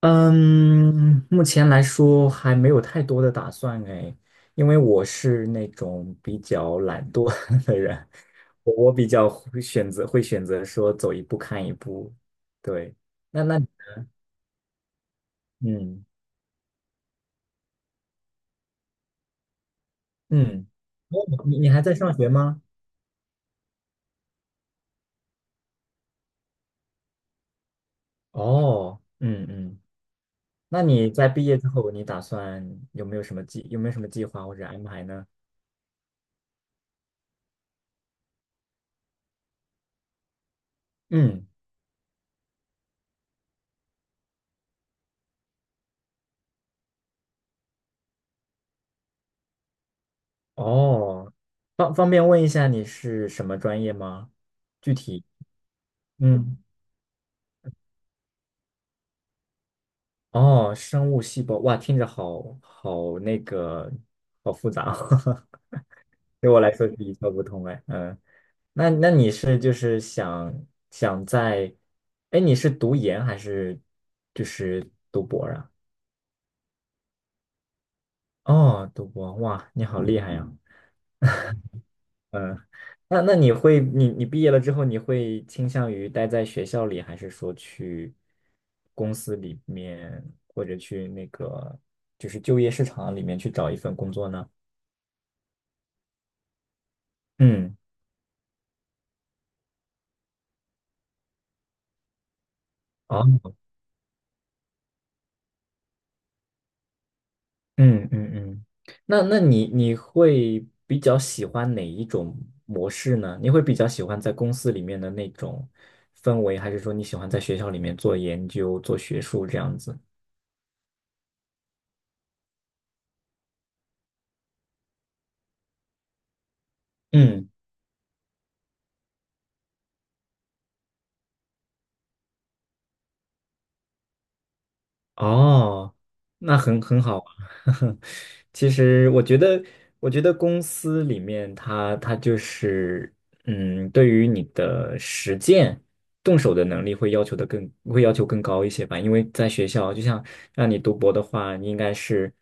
嗯，目前来说还没有太多的打算哎，因为我是那种比较懒惰 的人，我比较会选择说走一步看一步。对，。那那嗯嗯，哦，你还在上学吗？哦，嗯嗯，那你在毕业之后，你打算有没有什么计划或者安排呢？嗯，哦，。方便问一下你是什么专业吗？具体？嗯。哦，生物细胞，哇，听着好那个，，好复杂哦，。对我来说是一窍不通哎。嗯，。你是就是想在，，哎，，你是读研还是就是读博啊？哦，读博，，哇，你好厉害呀！嗯，。那你会，你毕业了之后，你会倾向于待在学校里，还是说去公司里面，或者去那个就是就业市场里面去找一份工作呢？嗯，哦，嗯嗯嗯，。你会比较喜欢哪一种模式呢？你会比较喜欢在公司里面的那种氛围，还是说你喜欢在学校里面做研究、做学术这样子？嗯。哦，那很好啊。其实我觉得，，我觉得公司里面它就是，对于你的实践、动手的能力会要求更高一些吧。因为在学校，就像让你读博的话，你应该是，，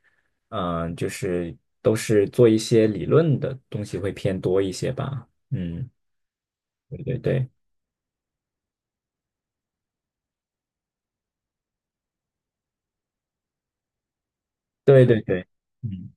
就是都是做一些理论的东西会偏多一些吧。嗯，对对对，对对对，嗯。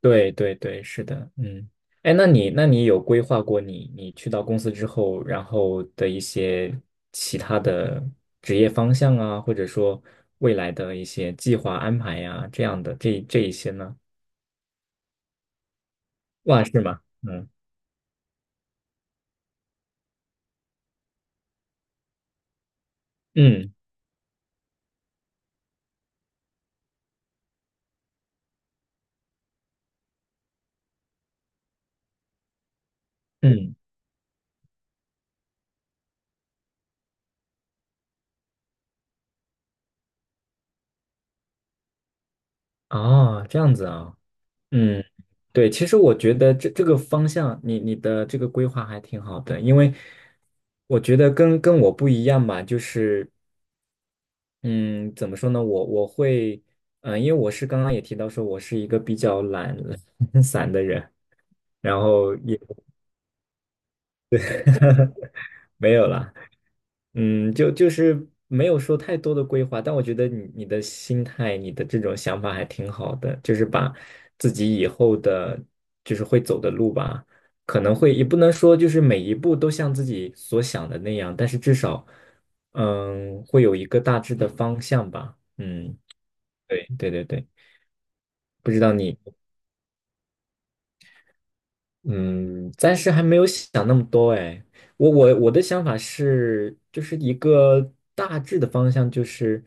对对对，是的，嗯，哎，那你有规划过你去到公司之后，，然后的一些其他的职业方向啊，或者说未来的一些计划安排呀、这样的这一些呢？哇，是吗？嗯嗯嗯，哦，这样子啊，嗯，对，其实我觉得这个方向，你的这个规划还挺好的，因为我觉得跟我不一样吧，就是。嗯，怎么说呢？我会，因为我是刚刚也提到说，我是一个比较懒 散的人，然后也没有啦，就是没有说太多的规划，但我觉得你的心态，你的这种想法还挺好的，就是把自己以后的，，就是会走的路吧，可能会也不能说就是每一步都像自己所想的那样，但是至少，，会有一个大致的方向吧。嗯，对对对对，不知道你。嗯，暂时还没有想那么多哎，我的想法是，就是一个大致的方向，就是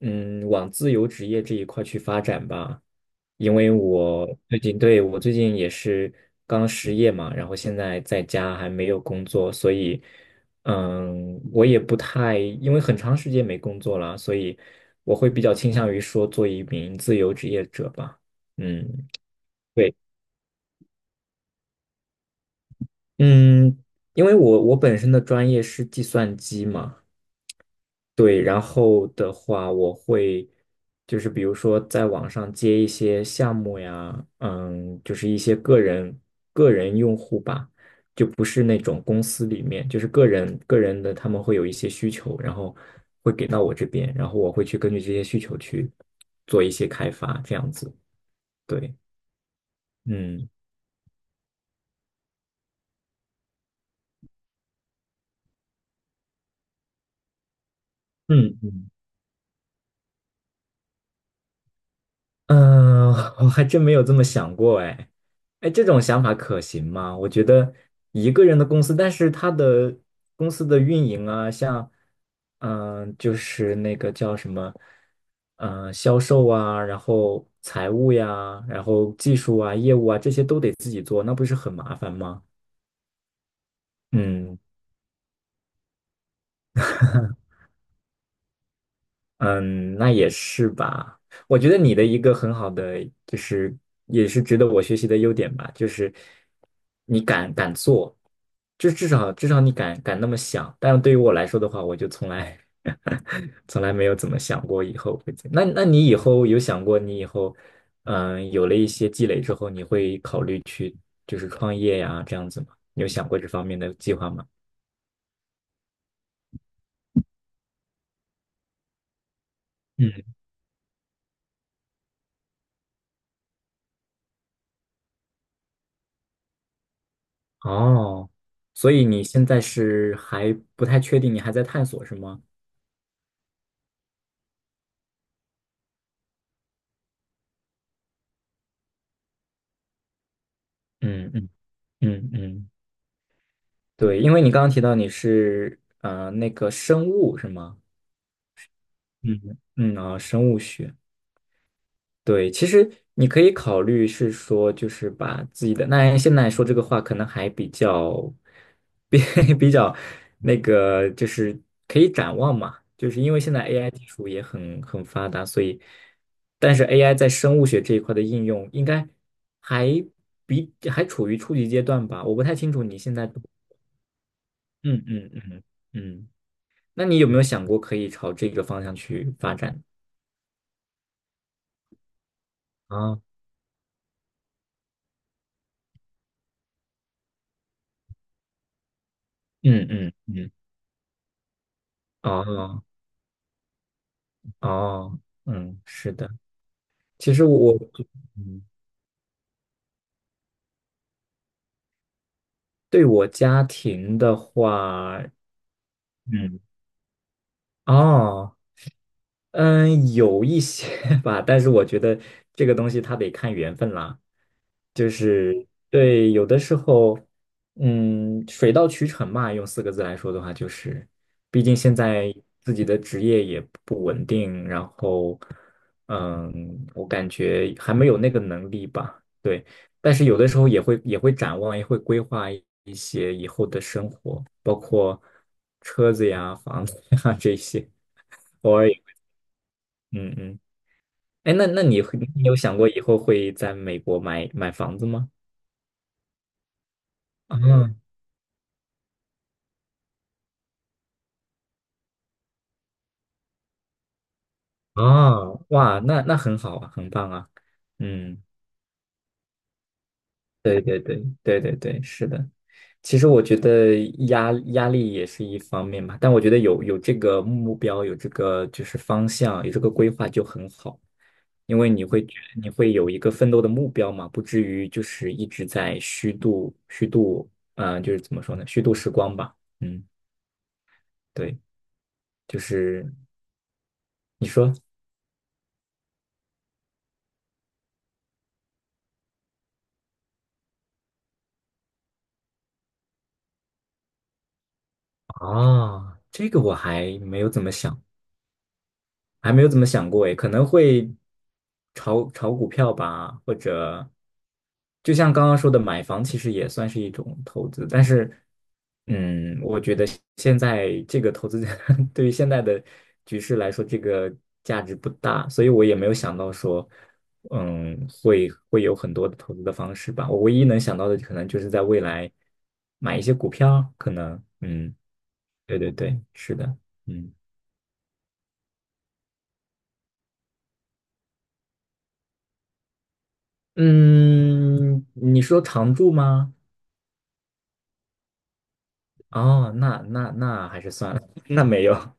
往自由职业这一块去发展吧。因为我最近也是刚失业嘛，然后现在在家还没有工作，所以我也不太，，因为很长时间没工作了，所以我会比较倾向于说做一名自由职业者吧。嗯。对。嗯，因为我本身的专业是计算机嘛，对，然后的话我会就是比如说在网上接一些项目呀，嗯，就是一些个人用户吧，就不是那种公司里面，就是个人的他们会有一些需求，然后会给到我这边，然后我会去根据这些需求去做一些开发，这样子，对，嗯嗯嗯。嗯，我还真没有这么想过哎，哎，这种想法可行吗？我觉得一个人的公司，但是他的公司的运营啊，像就是那个叫什么，嗯，销售啊，然后财务呀，然后技术啊、业务啊，这些都得自己做，那不是很麻烦吗？嗯。 嗯，那也是吧。我觉得你的一个很好的，，就是也是值得我学习的优点吧，就是你敢做，就至少你敢那么想。但是对于我来说的话，我就从来 从来没有怎么想过以后会怎你以后有想过，你以后嗯有了一些积累之后，你会考虑去就是创业呀这样子吗？你有想过这方面的计划吗？嗯。哦，所以你现在是还不太确定，你还在探索是吗？嗯嗯嗯嗯，对，因为你刚刚提到你是那个生物是吗？嗯嗯啊，生物学。对，其实你可以考虑是说，就是把自己的，，那现在说这个话可能还比较，，比 比较那个，，就是可以展望嘛，就是因为现在 AI 技术也很发达，所以，但是 AI 在生物学这一块的应用应该还比还处于初级阶段吧。我不太清楚你现在，，嗯嗯嗯嗯，。那你有没有想过可以朝这个方向去发展啊？嗯嗯嗯，。哦。哦，，嗯，是的。其实我，，嗯，对我家庭的话，，嗯，，哦，，嗯，，有一些 吧，但是我觉得这个东西它得看缘分啦。就是对，，有的时候，，水到渠成嘛。用四个字来说的话，就是，，毕竟现在自己的职业也不稳定，然后，，我感觉还没有那个能力吧。对，但是有的时候也会展望，也会规划一些以后的生活，车子呀、房子呀 这些，偶尔也会。嗯嗯。哎，那你会你有想过以后会在美国买房子吗？啊，啊，哇，那那很好啊，很棒啊。嗯，对对对对对对，是的。其实我觉得压力也是一方面嘛，但我觉得有这个目标，有这个就是方向，有这个规划就很好，因为你会有一个奋斗的目标嘛，不至于就是一直在虚度，就是怎么说呢，虚度时光吧。嗯，对，就是你说啊，这个我还没有怎么想。还没有怎么想过诶，可能会炒股票吧，或者就像刚刚说的，买房其实也算是一种投资，但是，嗯，我觉得现在这个投资 对于现在的局势来说，这个价值不大，所以我也没有想到说，，会有很多的投资的方式吧。我唯一能想到的，可能就是在未来买一些股票，可能，嗯，对对对，是的，嗯。嗯，你说常住吗？哦，那还是算了，那没有。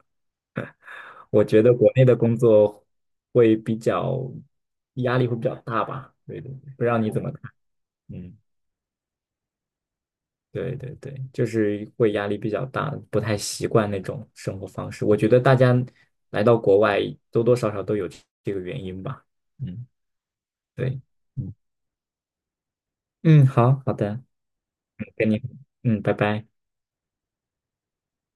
我觉得国内的工作会比较压力会比较大吧？对对，对不知道你怎么看？嗯，对对对，就是会压力比较大，不太习惯那种生活方式。我觉得大家来到国外多多少少都有这个原因吧。嗯，对，嗯嗯，好好的，跟你，，嗯，拜拜。